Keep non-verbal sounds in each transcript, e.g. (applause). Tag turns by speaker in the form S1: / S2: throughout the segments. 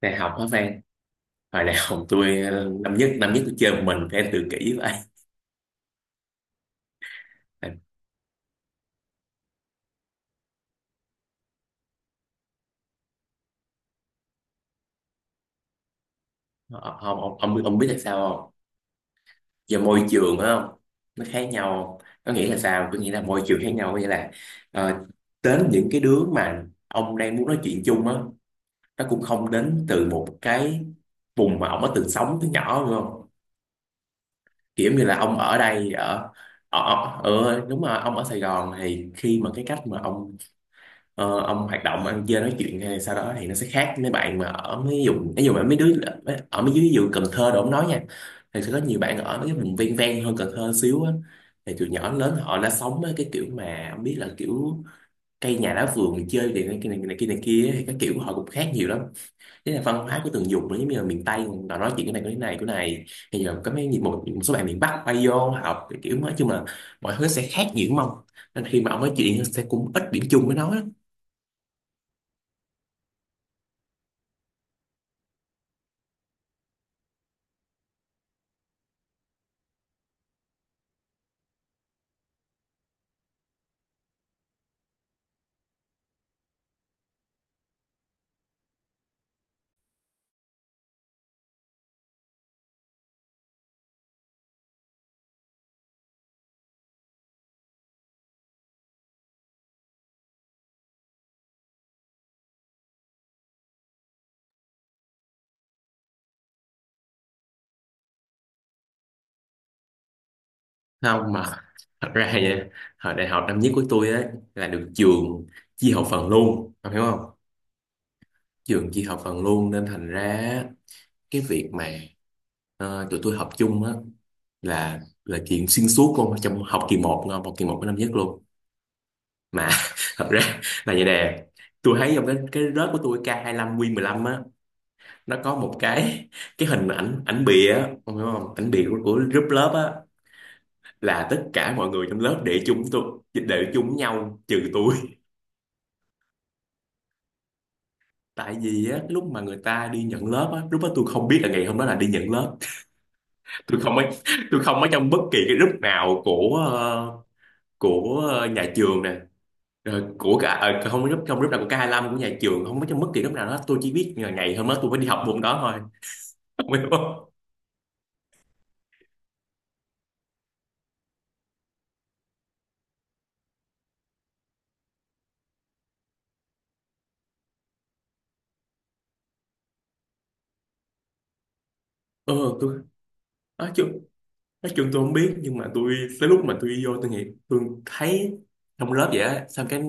S1: Đại học hả Phan? Hồi đại học tôi năm nhất tôi chơi một mình, Phan, tự kỷ vậy. Ờ, không ông biết là sao không? Do môi trường á, không nó khác nhau, có nghĩa là sao, có nghĩa là môi trường khác nhau, có nghĩa là ờ, đến những cái đứa mà ông đang muốn nói chuyện chung á, nó cũng không đến từ một cái vùng mà ông đã từng sống từ nhỏ đúng không. Kiểu như là ông ở đây ở ở ở- ừ, đúng rồi, ông ở Sài Gòn, thì khi mà cái cách mà ông ông hoạt động ăn chơi nói chuyện hay sau đó thì nó sẽ khác mấy bạn mà ở mấy vùng, ví dụ mà mấy đứa ở mấy dưới vùng Cần Thơ đồ ông nói nha, thì sẽ có nhiều bạn ở mấy cái vùng ven ven hơn Cần Thơ xíu á, thì từ nhỏ đến lớn họ đã sống á, cái kiểu mà ông biết là kiểu cây nhà lá vườn, chơi thì này kia ấy, thì cái kiểu họ cũng khác nhiều lắm. Thế là văn hóa của từng vùng nữa, giống như là miền Tây họ nói chuyện cái này cái này cái này, bây giờ có mấy một số bạn miền Bắc quay vô học thì kiểu nói chung là mọi thứ sẽ khác nhiều đúng không, nên khi mà ông nói chuyện sẽ cũng ít điểm chung với nó. Không mà thật ra vậy, hồi đại học năm nhất của tôi ấy, là được trường chia học phần luôn ông hiểu không, trường chia học phần luôn, nên thành ra cái việc mà tụi tôi học chung á là chuyện xuyên suốt luôn trong học kỳ một, ngon học kỳ một của năm nhất luôn mà. (laughs) Thật ra là vậy nè, tôi thấy trong cái rớt của tôi K25 mười lăm á, nó có một cái hình ảnh ảnh bìa á ông hiểu không, ảnh bìa của group lớp á, là tất cả mọi người trong lớp để chúng tôi để chúng nhau trừ tôi. Tại vì á lúc mà người ta đi nhận lớp á, lúc đó tôi không biết là ngày hôm đó là đi nhận lớp, tôi không có tôi không có trong bất kỳ cái group nào của của nhà trường nè, rồi của cả không có group trong group nào của ca k lăm của nhà trường, không có trong bất kỳ group nào đó, tôi chỉ biết là ngày hôm đó tôi phải đi học môn đó thôi, không hiểu không. Ừ tôi nói chứ, nói chung tôi không biết, nhưng mà tôi tới lúc mà tôi vô tôi nghĩ tôi thấy trong lớp vậy á, xong cái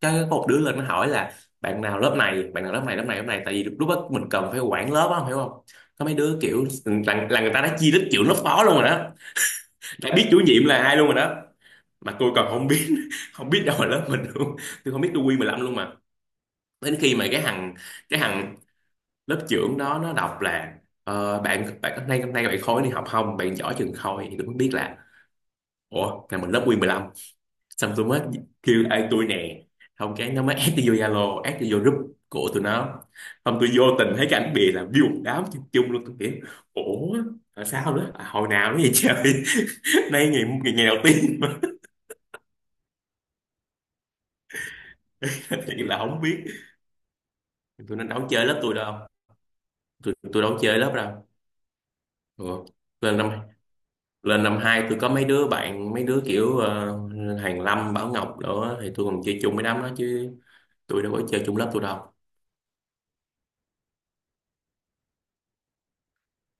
S1: cái có một đứa lên nó hỏi là bạn nào lớp này, bạn nào lớp này lớp này lớp này, tại vì lúc đó mình cần phải quản lớp á hiểu không. Có mấy đứa kiểu là, người ta đã chia đích trưởng lớp phó luôn rồi đó, đã biết chủ nhiệm là ai luôn rồi đó, mà tôi còn không biết (laughs) không biết đâu là lớp mình luôn. Tôi không biết tôi quy 15 luôn mà, đến khi mà cái thằng lớp trưởng đó nó đọc là bạn bạn hôm nay bạn khối đi học không, bạn giỏi trường khối, thì tôi mới biết là ủa thằng mình lớp Nguyên lăm, xong tôi mới kêu ai tôi nè, không cái nó mới add tôi vô Zalo, add tôi vô group của tụi nó, xong tôi vô tình thấy cái ảnh bìa là view một đám chung chung luôn, tôi kiểu ủa là sao đó, à, hồi nào nó vậy trời. (laughs) Nay ngày ngày, ngày đầu tiên mà. (laughs) Thì là không biết, tôi nó đâu chơi lớp tôi đâu, tôi đâu chơi lớp đâu. Ừ. Lên năm hai tôi có mấy đứa bạn, mấy đứa kiểu Hàng Lâm, Bảo Ngọc đó thì tôi còn chơi chung với đám đó chứ, tôi đâu có chơi chung lớp tôi đâu.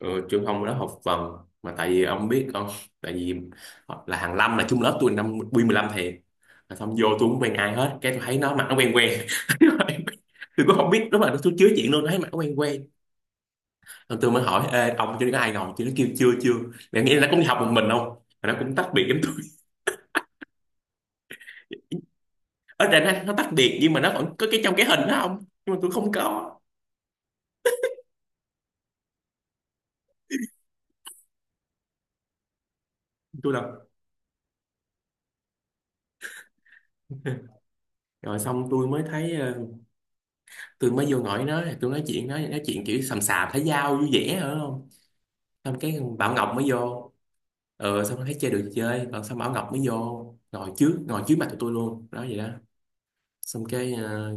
S1: Ừ, trường không đó học vần, mà tại vì ông biết không, tại vì là hàng năm là chung lớp tôi năm quy 15 thì là xong vô tôi cũng quen ai hết, cái tôi thấy nó mặt nó quen quen. (laughs) Tôi cũng không biết, lúc mà tôi chứa chuyện luôn thấy mặt nó quen quen, rồi tôi mới hỏi ê ông chưa có ai ngồi chứ, nó kêu chưa chưa, mẹ nghĩ là nó cũng đi học một mình không, mà nó cũng tách biệt giống tôi. (laughs) Ở trên nó tách biệt nhưng mà nó vẫn có cái trong cái hình đó, không nhưng mà tôi không có, tôi là (laughs) rồi xong tôi mới thấy tôi mới vô ngồi nó, tôi nói chuyện nó, nói chuyện kiểu sàm sàm thấy dao vui vẻ hả, xong cái Bảo Ngọc mới vô, ờ xong nó thấy chơi được thì chơi, còn xong Bảo Ngọc mới vô ngồi trước, ngồi trước mặt tụi tôi luôn đó, vậy đó. Xong cái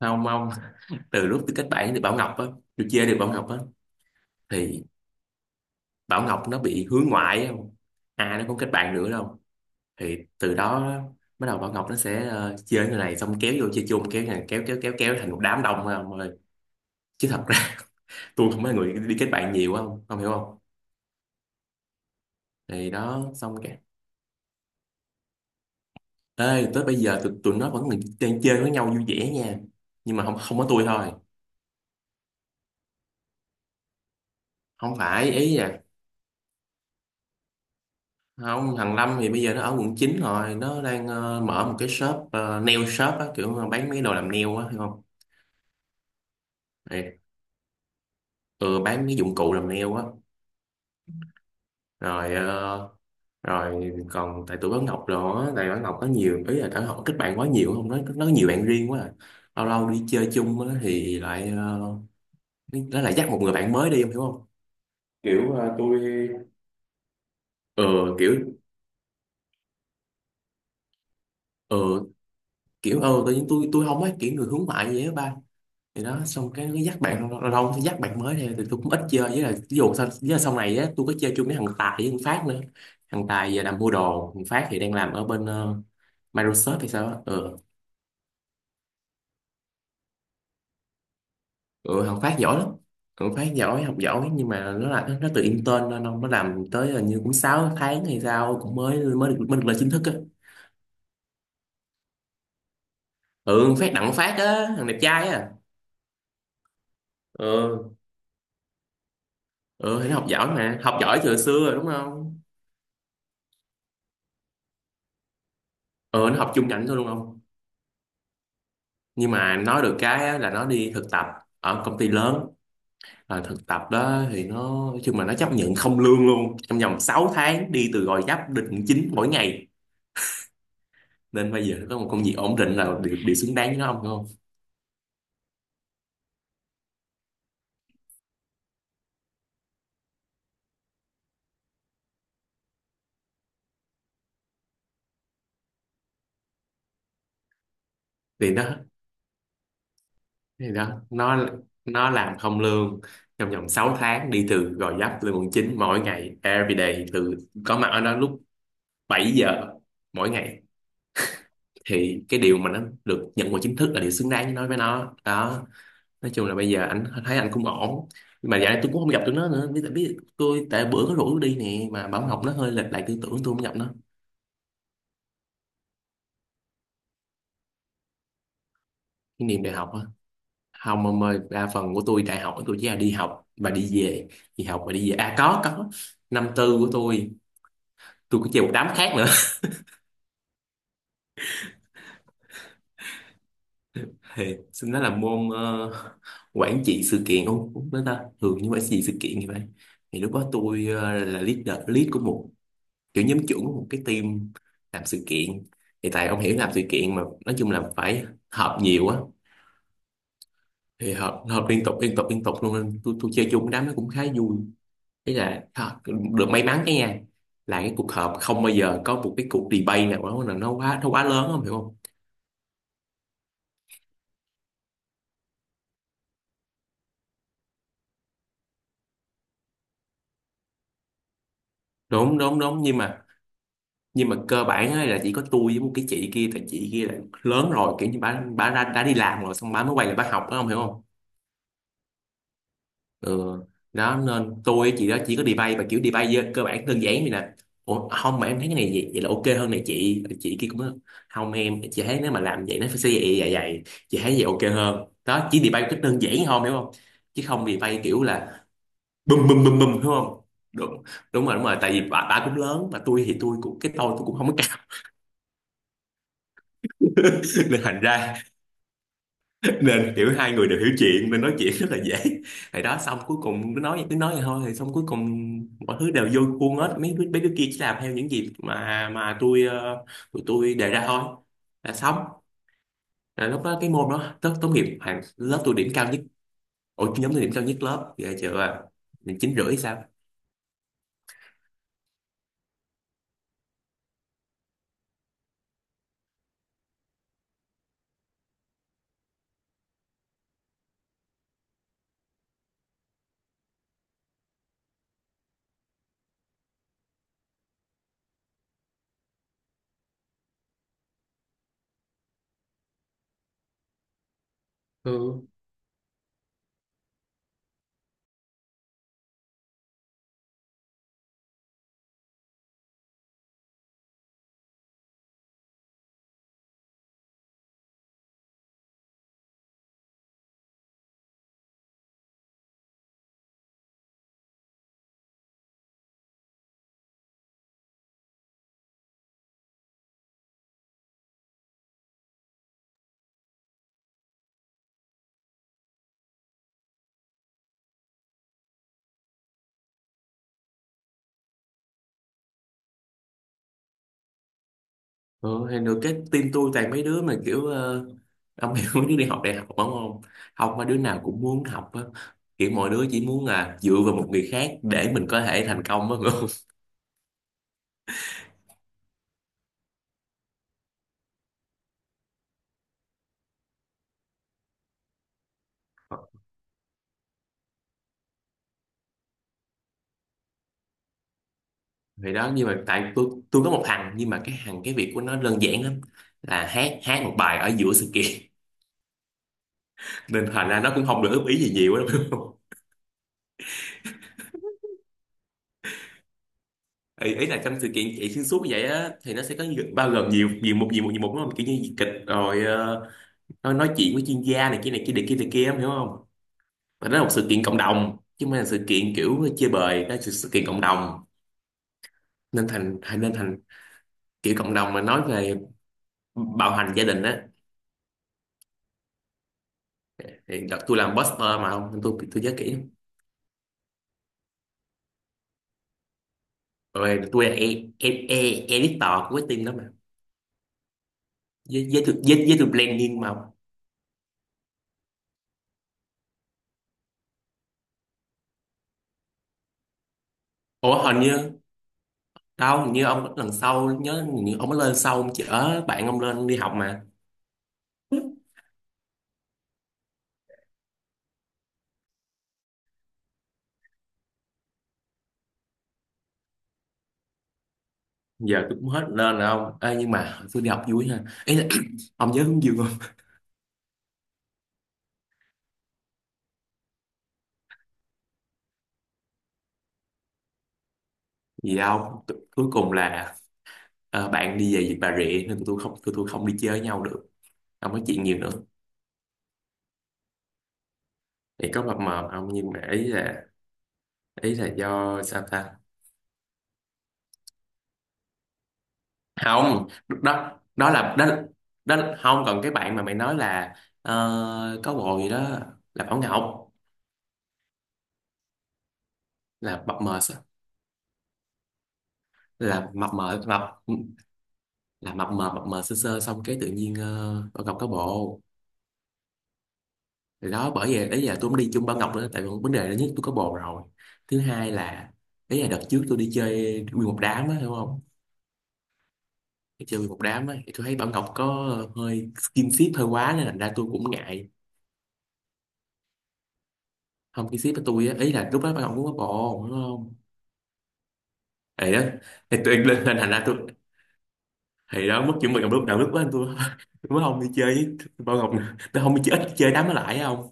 S1: không ông, (laughs) từ lúc tôi kết bạn thì Bảo Ngọc á, tôi chơi được Bảo Ngọc á, thì Bảo Ngọc nó bị hướng ngoại á, ai nó cũng kết bạn nữa đâu, thì từ đó bắt đầu Bảo Ngọc nó sẽ chơi người này xong kéo vô chơi chung, kéo này kéo kéo kéo kéo thành một đám đông không ơi. Chứ thật ra (laughs) tôi không phải người đi kết bạn nhiều á, không không hiểu không. Thì đó xong, ê, tới bây giờ tụi nó vẫn là chơi với nhau vui vẻ nha, nhưng mà không không có tôi thôi. Không phải ý à, không thằng Lâm thì bây giờ nó ở quận 9 rồi, nó đang mở một cái shop nail shop á, kiểu mà bán mấy đồ làm nail á hiểu không. Thì, ừ, bán mấy dụng cụ làm nail á. Rồi rồi còn tại tụi Bảo Ngọc rồi á, tại Bảo Ngọc có nhiều ý là cả họ kết bạn quá nhiều không, nó có nhiều bạn riêng quá à. Lâu lâu đi chơi chung á thì lại nó lại dắt một người bạn mới đi, em hiểu không. Kiểu kiểu ừ kiểu ừ tự nhiên tôi không ấy kiểu người hướng ngoại vậy á ba, thì đó xong cái nó dắt bạn lâu lâu lâu thì dắt bạn mới này, thì tôi cũng ít chơi với, là ví dụ sau, với là sau này á tôi có chơi chung với thằng Tài với thằng Phát nữa. Thằng Tài giờ làm mua đồ, thằng Phát thì đang làm ở bên Microsoft hay sao á, ừ. Ừ thằng Phát giỏi lắm, thằng Phát giỏi, học giỏi, nhưng mà nó là nó tự intern nên nó làm tới là như cũng 6 tháng hay sao, cũng mới mới được, mới được lên chính thức á. Ừ thằng Phát, đặng Phát á, thằng đẹp trai á. Ừ. Ừ thì nó học giỏi, mà học giỏi từ xưa rồi đúng không? Ờ, nó học chung ngành thôi luôn không? Nhưng mà nói được cái á, là nó đi thực tập ở công ty lớn. Rồi thực tập đó thì nó nói chung là nó chấp nhận không lương luôn. Trong vòng 6 tháng đi từ Gò Vấp đến Quận 9 mỗi ngày. Nên bây giờ nó có một công việc ổn định là điều xứng đáng với nó, không không? Thì đó, thì đó, nó làm không lương, trong vòng 6 tháng đi từ Gò Vấp lên Quận 9 mỗi ngày, everyday, từ có mặt ở đó lúc 7 giờ mỗi ngày. Thì cái điều mà nó được nhận vào chính thức là điều xứng đáng với nó, đó nói chung là bây giờ anh thấy anh cũng ổn, nhưng mà dạo này tôi cũng không gặp tụi nó nữa, biết biết tôi, tại bữa có rủ đi nè mà bảo học nó hơi lệch lại tư tưởng, tôi không gặp nó. Cái niềm đại học á? Không ông ơi, đa phần của tôi đại học tôi chỉ là đi học và đi về, đi học và đi về. À, có, năm tư của tôi có chơi một đám khác nữa. (laughs) Thì xin nói là môn quản trị sự kiện, không đó ta thường như quản trị sự kiện như vậy, thì lúc đó tôi là leader, lead của một kiểu nhóm trưởng của một cái team làm sự kiện. Thì tại ông hiểu, làm sự kiện mà, nói chung là phải họp nhiều á. Thì họp họp liên tục liên tục liên tục luôn, nên tôi chơi chung cái đám, nó cũng khá vui. Thế là được may mắn cái nha, là cái cuộc họp không bao giờ có một cái cuộc debate nào đó là nó quá, nó quá lớn, không hiểu không? Đúng đúng đúng, nhưng mà, nhưng mà cơ bản á là chỉ có tôi với một cái chị kia, tại chị kia là lớn rồi, kiểu như bà đã đi làm rồi, xong bà mới quay lại bà học đó, không hiểu không? Ừ. Đó nên tôi với chị đó chỉ có debate, và kiểu debate cơ bản đơn giản vậy nè. Ủa, không mà em thấy cái này vậy, vậy là ok hơn này, chị kia cũng nói, không em, chị thấy nếu mà làm vậy nó phải sẽ vậy vậy vậy, chị thấy vậy ok hơn đó. Chỉ debate một cách đơn giản thôi, hiểu không? Chứ không debate kiểu là bùm bùm bùm bùm, hiểu không? Đúng, đúng rồi đúng rồi, tại vì bà cũng lớn, mà tôi thì tôi cũng cái tôi cũng không có cao. (laughs) Nên thành ra, nên kiểu hai người đều hiểu chuyện nên nói chuyện rất là dễ. Thì đó, xong cuối cùng cứ nói vậy thôi, thì xong cuối cùng mọi thứ đều vô khuôn hết, mấy mấy đứa kia chỉ làm theo những gì mà tôi tụi tôi đề ra thôi, là xong. Là lúc đó cái môn đó tốt tốt nghiệp hàng lớp tôi điểm cao nhất, ủa nhóm tôi điểm cao nhất lớp, ghê chưa. À chín rưỡi sao. Ừ. Ừ, thì được cái team tôi toàn mấy đứa mà kiểu ông (laughs) hiểu mấy đứa đi học đại học đúng không? Học mà đứa nào cũng muốn học á. Kiểu mọi đứa chỉ muốn là dựa vào một người khác để mình có thể thành công á, hiểu không? Ờ, thì đó, nhưng mà tại tôi có một thằng, nhưng mà cái thằng, cái việc của nó đơn giản lắm, là hát hát một bài ở giữa sự kiện. (laughs) Nên thành ra nó cũng không được góp ý gì nhiều lắm, hiểu không? Ý là trong sự kiện chạy xuyên suốt như vậy á, thì nó sẽ có bao gồm nhiều, nhiều một đúng không, kiểu như kịch rồi nó nói chuyện với chuyên gia này kia này kia này kia này kia, em hiểu không? Và nó là một sự kiện cộng đồng, chứ không phải là sự kiện kiểu chơi bời đó, là sự kiện cộng đồng. Nên thành kiểu cộng đồng mà nói về bạo hành gia đình á. Thì đợt tôi làm poster mà không, nên tôi nhớ kỹ. Rồi tôi là e, e, e, editor của cái team đó mà, với với tôi planning mà. Ủa hình như, đâu hình như ông lần sau nhớ, hình như ông mới lên sau, ông chở bạn ông lên đi học mà. Giờ tôi cũng hết lên rồi ông. Ê, nhưng mà tôi đi học vui ha, ý là (clears throat) ông nhớ cũng vui không? Gì đâu, cuối cùng là bạn đi về Việt Bà Rịa, nên tụi tôi không đi chơi với nhau được, không nói chuyện nhiều nữa. Thì có mập mờ không, nhưng mà ý là, ý là do sao ta. Không, đó đó là đó, không, còn cái bạn mà mày nói là có bồ gì đó là Bảo Ngọc. Là mập mờ sao, là mập mờ mập là mập mờ sơ sơ, xong cái tự nhiên Bảo Ngọc có bồ. Thì đó bởi vậy, ý là tôi không đi chung Bảo Ngọc nữa, tại vì vấn đề là nhất tôi có bồ rồi, thứ hai là, ý là đợt trước tôi đi chơi nguyên một đám á hiểu không. Cái chơi một đám ấy thì tôi thấy Bảo Ngọc có hơi skin ship hơi quá, nên thành ra tôi cũng ngại. Không cái ship với tôi á, ý là lúc đó Bảo Ngọc cũng có bồ đúng không. Thì đó, thì tôi lên lên thành ra tôi, thì đó mất chuẩn bị Ngọc lúc nào, lúc đó tôi (laughs) tôi mới không đi chơi với Bảo Ngọc nữa. Tôi không đi chơi, ít chơi đám nó lại, không,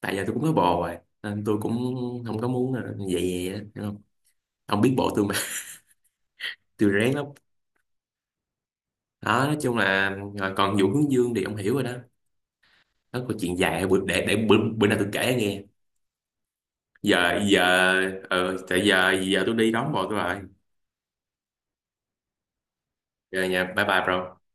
S1: tại giờ tôi cũng có bồ rồi, nên tôi cũng không có muốn là vậy vậy á, hiểu không? Ông biết bộ tôi mà, (laughs) tôi rén lắm. Đó nói chung là, rồi còn vụ hướng dương thì ông hiểu rồi đó, đó có chuyện dài, bữa bữa nào tôi kể nghe. Giờ giờ, ừ tại giờ giờ tôi đi đón bộ tôi rồi. Giờ nhà, bye bye bro.